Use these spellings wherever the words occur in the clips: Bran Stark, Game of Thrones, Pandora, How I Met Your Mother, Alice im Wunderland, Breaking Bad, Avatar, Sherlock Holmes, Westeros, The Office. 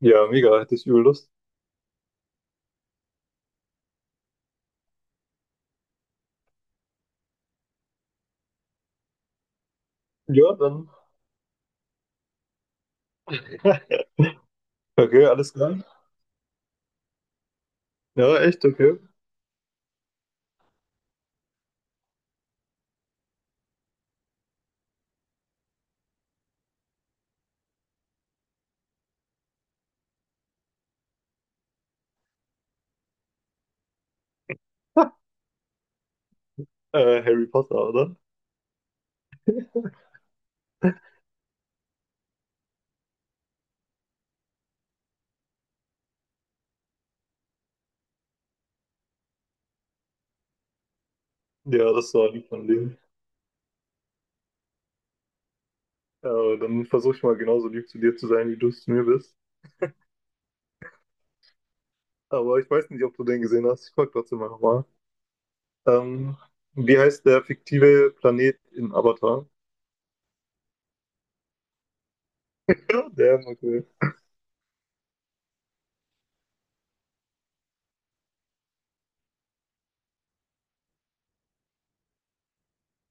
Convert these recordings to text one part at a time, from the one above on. Ja, mega, hätte ich übel Lust. Ja, dann. Okay, alles klar. Ja, echt, okay. Harry Potter, oder? Ja, das war lieb von dir. Dann versuche ich mal genauso lieb zu dir zu sein, wie du es zu mir bist. Aber ich weiß nicht, ob du den gesehen hast. Ich frage trotzdem mal nochmal. Ähm, wie heißt der fiktive Planet in Avatar? Ja, der, okay.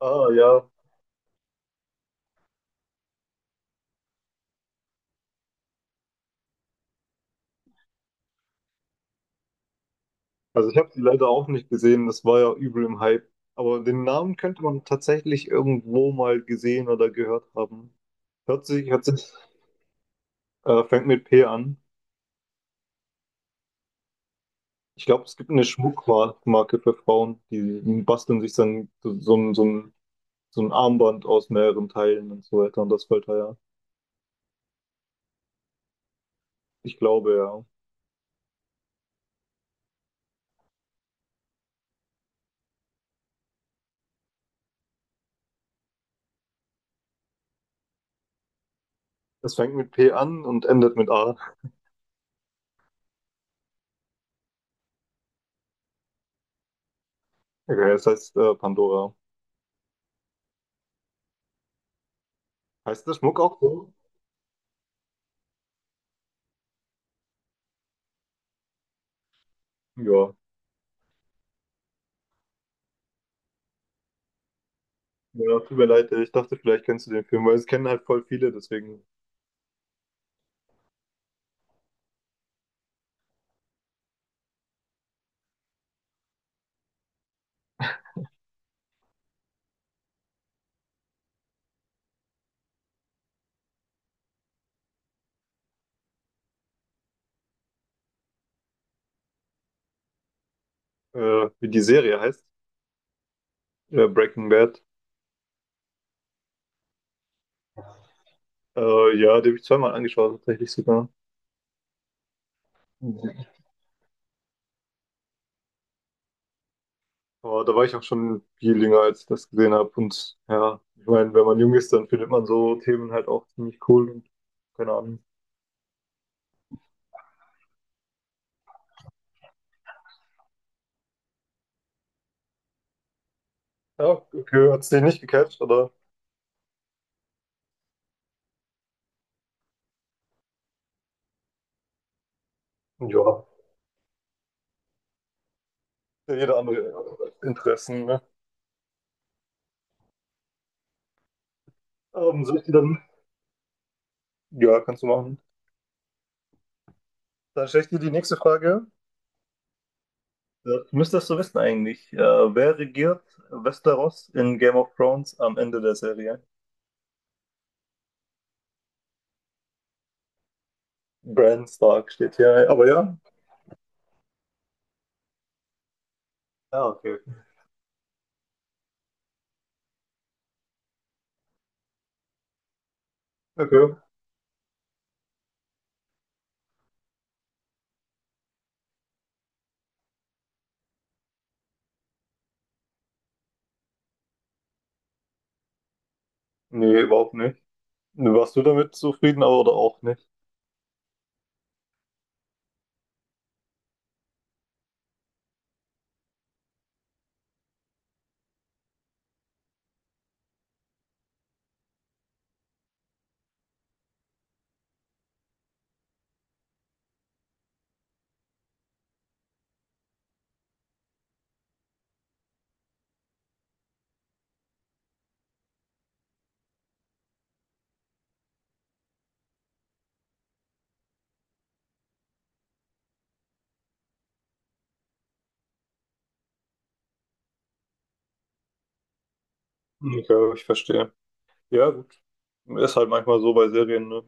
Ah, ja. Also ich habe die leider auch nicht gesehen. Das war ja übel im Hype. Aber den Namen könnte man tatsächlich irgendwo mal gesehen oder gehört haben. Hört sich, fängt mit P an. Ich glaube, es gibt eine Schmuckmarke für Frauen, die basteln sich dann so, so, so ein Armband aus mehreren Teilen und so weiter und das fällt da ja. Ich glaube ja. Es fängt mit P an und endet mit A. Okay, das heißt Pandora. Heißt der Schmuck auch so? Ja. Ja, tut mir leid, ich dachte, vielleicht kennst du den Film, weil es kennen halt voll viele, deswegen, wie die Serie heißt, Breaking Bad. Ja, die habe ich zweimal angeschaut, tatsächlich sogar. Aber da war ich auch schon viel jünger, als ich das gesehen habe. Und ja, ich meine, wenn man jung ist, dann findet man so Themen halt auch ziemlich cool und keine Ahnung. Ja, okay, hat's dich nicht gecatcht, oder? Ja, ja, jeder andere Interessen, ne? Soll ich die dann? Ja, kannst du machen. Dann stelle ich dir die nächste Frage. Ja, du müsstest so wissen eigentlich. Wer regiert Westeros in Game of Thrones am Ende der Serie? Bran Stark steht hier, aber ja. Ja, okay. Okay. Nee, überhaupt nicht. Warst du damit zufrieden, aber oder auch nicht? Ja, ich verstehe. Ja, gut. Ist halt manchmal so bei Serien, ne?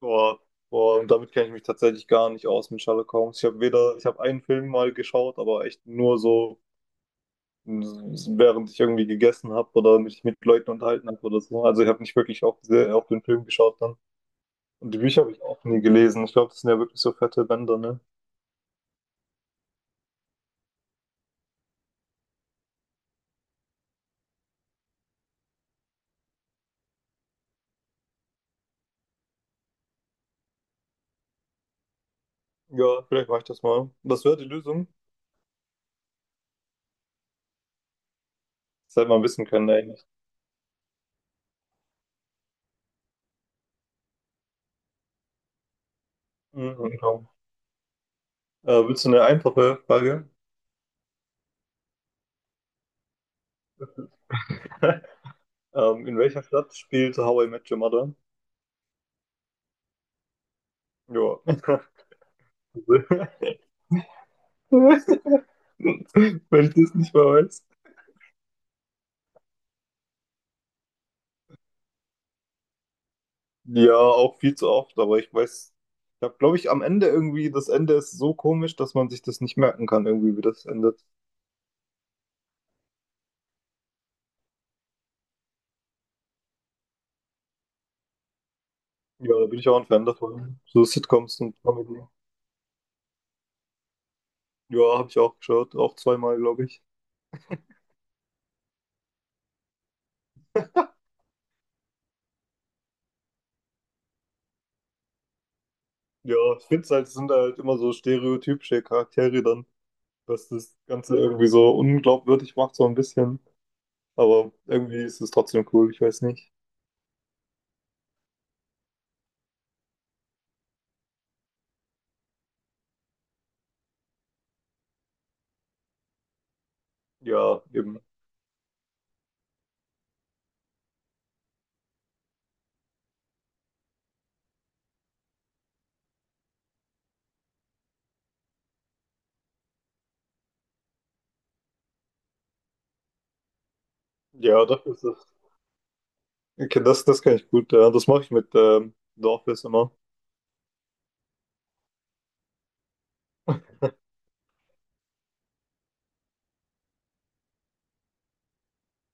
Boah, boah, und damit kenne ich mich tatsächlich gar nicht aus mit Sherlock Holmes. Ich habe einen Film mal geschaut, aber echt nur so, hm, während ich irgendwie gegessen habe oder mich mit Leuten unterhalten habe oder so. Also ich habe nicht wirklich auf, sehr, auf den Film geschaut dann. Und die Bücher habe ich auch nie gelesen. Ich glaube, das sind ja wirklich so fette Bänder, ne? Ja, vielleicht mache ich das mal. Das wäre die Lösung. Das hätte man wissen können eigentlich. Mhm. Willst du eine einfache Frage? In welcher Stadt spielt How I Met Your Mother? Ja. Wenn ich das nicht mehr weiß. Ja, auch viel zu oft, aber ich weiß, ich habe, glaube ich, am Ende irgendwie, das Ende ist so komisch, dass man sich das nicht merken kann, irgendwie, wie das endet. Ja, da bin ich auch ein Fan davon. So Sitcoms und Comedy. Ja, habe ich auch geschaut, auch zweimal, glaube ich. Ja, ich finde es halt, es sind halt immer so stereotypische Charaktere dann, was das Ganze irgendwie so unglaubwürdig macht, so ein bisschen. Aber irgendwie ist es trotzdem cool, ich weiß nicht. Ja, eben. Ja, das ist es. Okay, das, das kann ich gut. Ja, das mache ich mit The Office immer.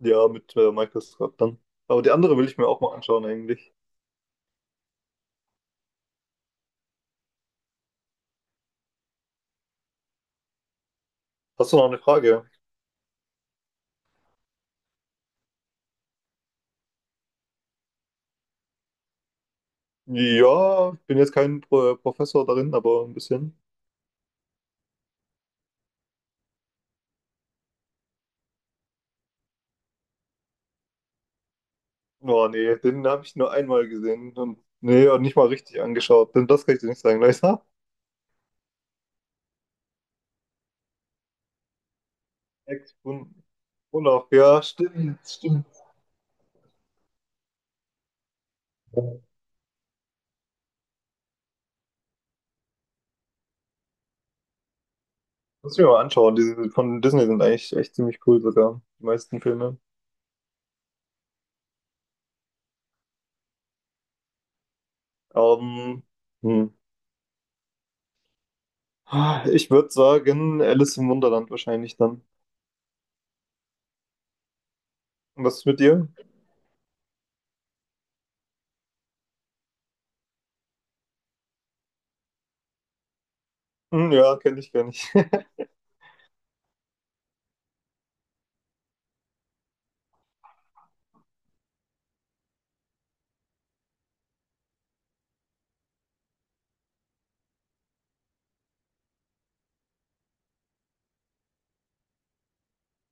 Ja, mit Microsoft dann. Aber die andere will ich mir auch mal anschauen eigentlich. Hast du noch eine Frage? Ja, ich bin jetzt kein Pro Professor darin, aber ein bisschen. Oh nee, den habe ich nur einmal gesehen und nee, und nicht mal richtig angeschaut. Denn das kann ich dir nicht sagen, leider. Ex-Bund. Olaf, ja, stimmt, stimmt. Muss ich mir mal anschauen. Diese von Disney sind eigentlich echt ziemlich cool sogar, die meisten Filme. Ähm, hm. Ich würde sagen, Alice im Wunderland wahrscheinlich dann. Und was ist mit dir? Hm, ja, kenne ich gar nicht.